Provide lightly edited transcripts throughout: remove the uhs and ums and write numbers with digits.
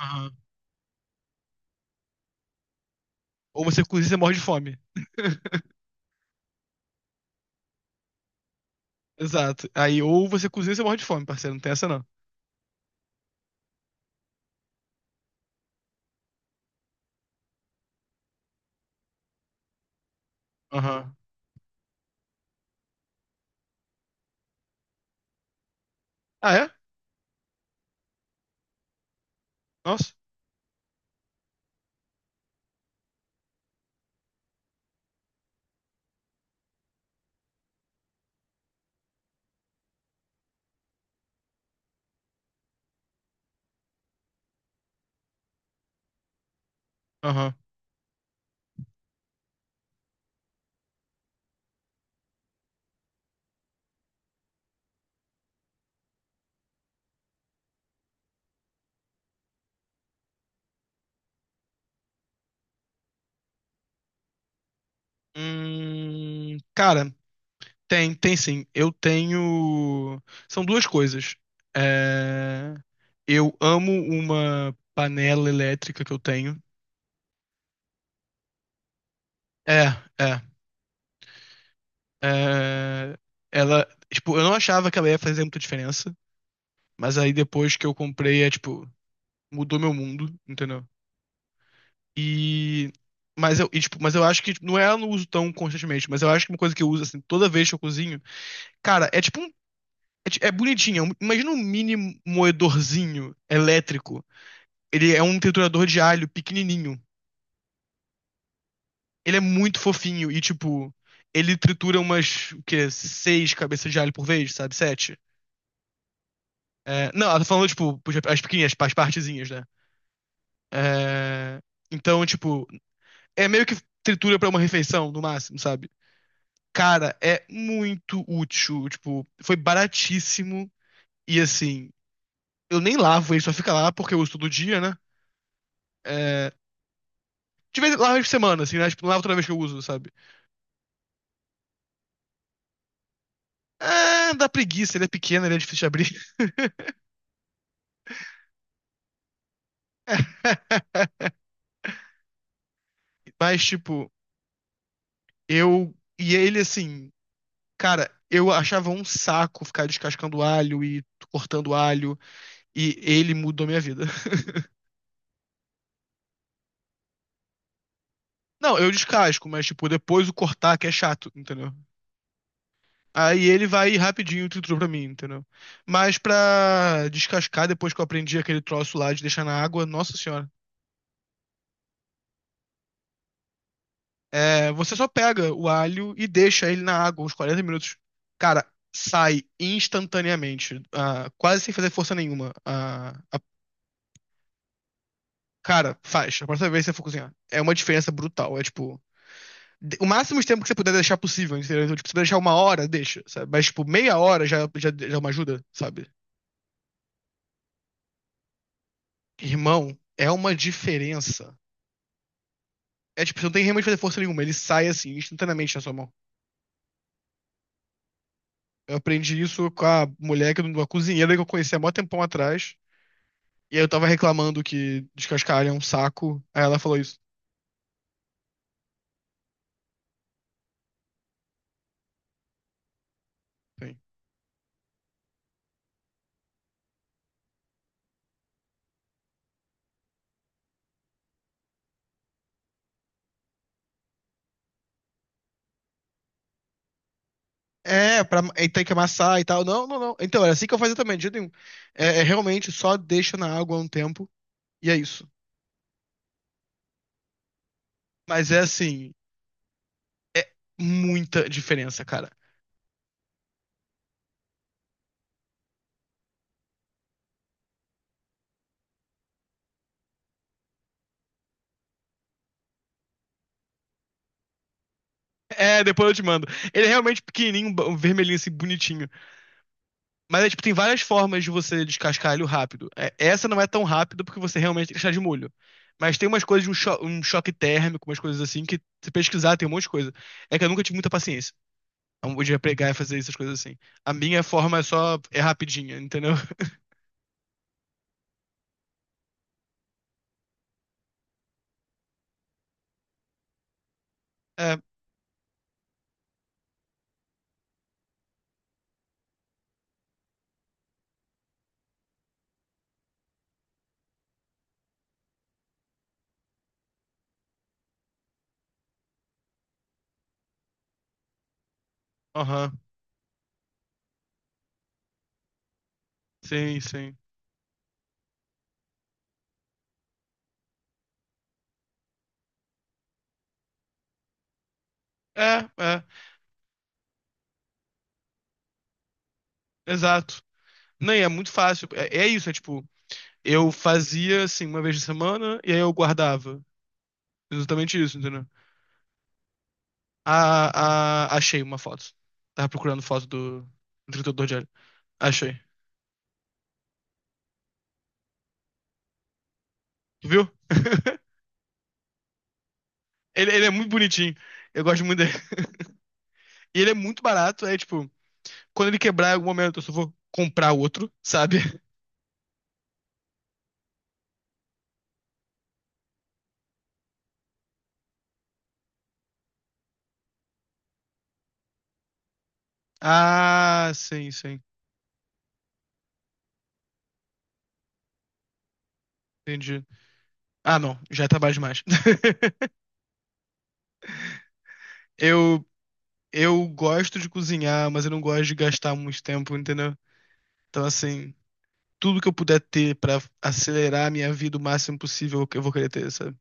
Aham. Ou você cozinha e você morre de fome. Exato. Aí, ou você cozinha e você morre de fome, parceiro. Não tem essa, não. Aham. Ah, é? Nossa. Aham. Cara, tem sim. Eu tenho. São duas coisas. É... Eu amo uma panela elétrica que eu tenho. É, é. é... Ela. Tipo, eu não achava que ela ia fazer muita diferença. Mas aí depois que eu comprei, é tipo, mudou meu mundo, entendeu? E. mas eu acho que tipo, não é, eu não uso tão constantemente, mas eu acho que uma coisa que eu uso assim toda vez que eu cozinho, cara, é tipo um. É, é bonitinho. Imagina um mini moedorzinho elétrico. Ele é um triturador de alho pequenininho. Ele é muito fofinho e, tipo, ele tritura umas, o quê? Seis cabeças de alho por vez, sabe? Sete. É, não, ela tá falando, tipo, as pequenas, as partezinhas, né? É, então, tipo, é meio que tritura pra uma refeição, no máximo, sabe? Cara, é muito útil. Tipo, foi baratíssimo. E assim, eu nem lavo ele, só fica lá porque eu uso todo dia, né? É, de vez lavo por semana, assim, né? Tipo, não lavo toda vez que eu uso, sabe? Ah, dá preguiça, ele é pequeno, ele é difícil de abrir. Mas, tipo, eu. E ele, assim, cara, eu achava um saco ficar descascando alho e cortando alho. E ele mudou minha vida. Não, eu descasco, mas, tipo, depois o cortar que é chato, entendeu? Aí ele vai rapidinho triturou pra mim, entendeu? Mas pra descascar, depois que eu aprendi aquele troço lá de deixar na água, nossa senhora. É, você só pega o alho e deixa ele na água uns 40 minutos. Cara, sai instantaneamente, ah, quase sem fazer força nenhuma. Ah, cara, faz. A próxima vez que você for cozinhar. É uma diferença brutal. É tipo. O máximo de tempo que você puder deixar possível, entendeu? Então, tipo, se você deixar uma hora, deixa, sabe? Mas, tipo, meia hora já é uma ajuda, sabe? Irmão, é uma diferença. É tipo, você não tem realmente que fazer força nenhuma, ele sai assim, instantaneamente na sua mão. Eu aprendi isso com a mulher, uma cozinheira que eu conheci há mó tempão atrás. E aí eu tava reclamando que descascar alho é um saco. Aí ela falou isso. Sim. É, aí tem que amassar e tal. Não, não, não. Então, era assim que eu fazia também, de jeito nenhum. É, realmente só deixa na água um tempo e é isso. Mas é assim, muita diferença, cara. É, depois eu te mando. Ele é realmente pequenininho, vermelhinho assim, bonitinho. Mas é, tipo, tem várias formas de você descascar ele rápido. É, essa não é tão rápida porque você realmente tem que deixar de molho. Mas tem umas coisas de um choque térmico, umas coisas assim, que se pesquisar tem um monte de coisa. É que eu nunca tive muita paciência. Então, podia pegar e fazer essas coisas assim. A minha forma é só, é rapidinha, entendeu? É, aham, sim, sim. É, é, exato. Não, e é muito fácil. É, é isso, é tipo, eu fazia assim uma vez na semana e aí eu guardava. Exatamente isso, entendeu? Ah, achei uma foto. Tava procurando foto do entregador de olho. Achei. Tu viu? Ele é muito bonitinho. Eu gosto muito dele. E ele é muito barato. É tipo, quando ele quebrar em algum momento, eu só vou comprar outro, sabe? Ah, sim, sim. Entendi. Ah, não. Já tá baixo demais. Eu, eu gosto de cozinhar, mas eu não gosto de gastar muito tempo, entendeu? Então, assim, tudo que eu puder ter pra acelerar a minha vida o máximo possível, eu vou querer ter, sabe?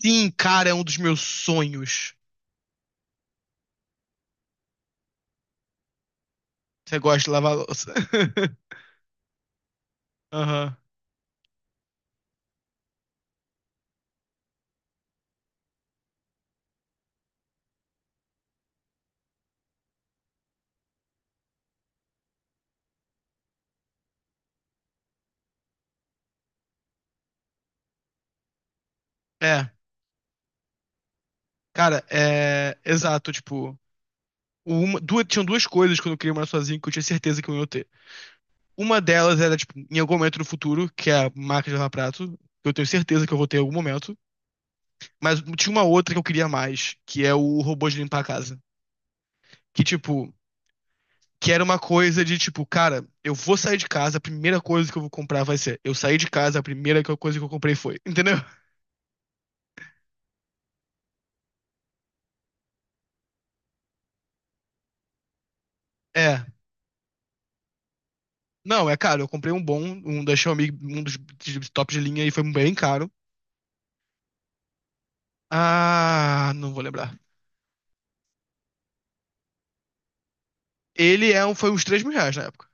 Sim, cara, é um dos meus sonhos. Você gosta de lavar louça. Aham. É, cara, é. Exato, tipo. Uma, duas, tinham duas coisas quando eu queria morar sozinho que eu tinha certeza que eu ia ter. Uma delas era, tipo, em algum momento no futuro, que é a máquina de lavar prato, que eu tenho certeza que eu vou ter em algum momento. Mas tinha uma outra que eu queria mais, que é o robô de limpar a casa. Que, tipo, que era uma coisa de, tipo, cara, eu vou sair de casa, a primeira coisa que eu vou comprar vai ser. Eu saí de casa, a primeira coisa que eu comprei foi. Entendeu? É, não, é caro. Eu comprei um bom, um da Xiaomi, um dos de top de linha e foi bem caro. Ah, não vou lembrar. Ele é um, foi uns R$ 3.000 na época.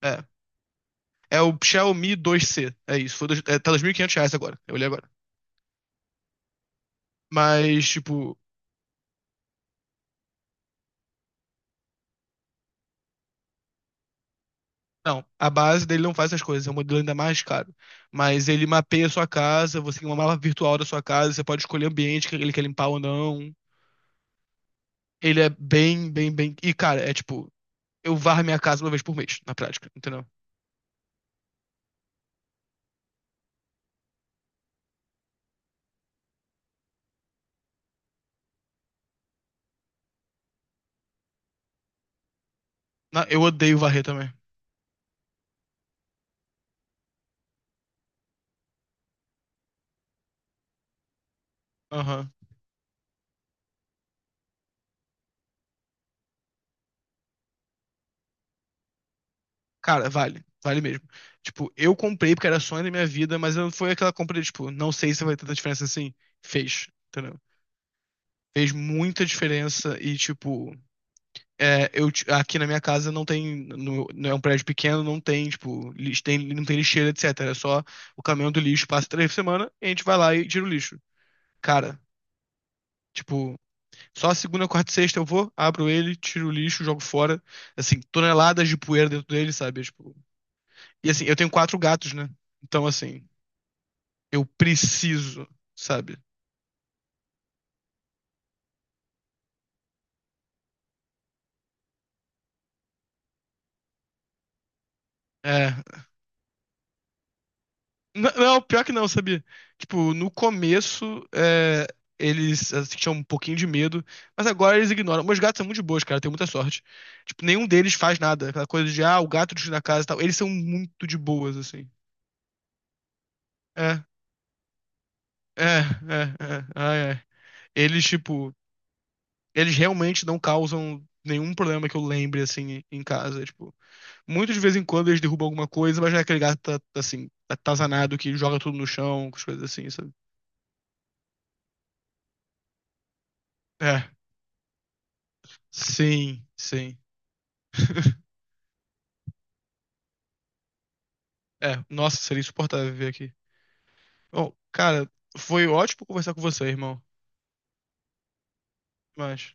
É. É o Xiaomi 2C. É isso. Tá R$ 2.500 agora. Eu olhei agora. Mas, tipo, não. A base dele não faz essas coisas. É um modelo ainda mais caro. Mas ele mapeia a sua casa. Você tem uma mala virtual da sua casa. Você pode escolher o ambiente que ele quer limpar ou não. Ele é bem, bem, bem. E, cara, é tipo, eu varro minha casa uma vez por mês, na prática, entendeu? Eu odeio varrer também. Aham. Cara, vale. Vale mesmo. Tipo, eu comprei porque era sonho da minha vida, mas não foi aquela compra de, tipo, não sei se vai ter tanta diferença assim. Fez, entendeu? Fez muita diferença e, tipo, aqui na minha casa não tem, não é um prédio pequeno, não tem, tipo, não tem lixeira, etc. É só o caminhão do lixo passa três por semana e a gente vai lá e tira o lixo. Cara, tipo, só segunda, quarta e sexta eu vou, abro ele, tiro o lixo, jogo fora. Assim, toneladas de poeira dentro dele, sabe? E assim, eu tenho quatro gatos, né? Então, assim, eu preciso, sabe? É. Não, pior que não, sabia? Tipo, no começo, eles assim, tinham um pouquinho de medo, mas agora eles ignoram. Meus gatos são muito de boas, cara, eu tenho muita sorte. Tipo, nenhum deles faz nada. Aquela coisa de, ah, o gato destruiu a casa e tal. Eles são muito de boas, assim. É, é, é, é. Ah, é. Eles, tipo, eles realmente não causam nenhum problema que eu lembre, assim, em casa, tipo. Muito de vez em quando eles derrubam alguma coisa, mas já é aquele gato tá, assim, atazanado que joga tudo no chão, com as coisas assim, sabe? É, sim, sim. É, nossa, seria insuportável viver aqui. Bom, cara, foi ótimo conversar com você, irmão. Mas.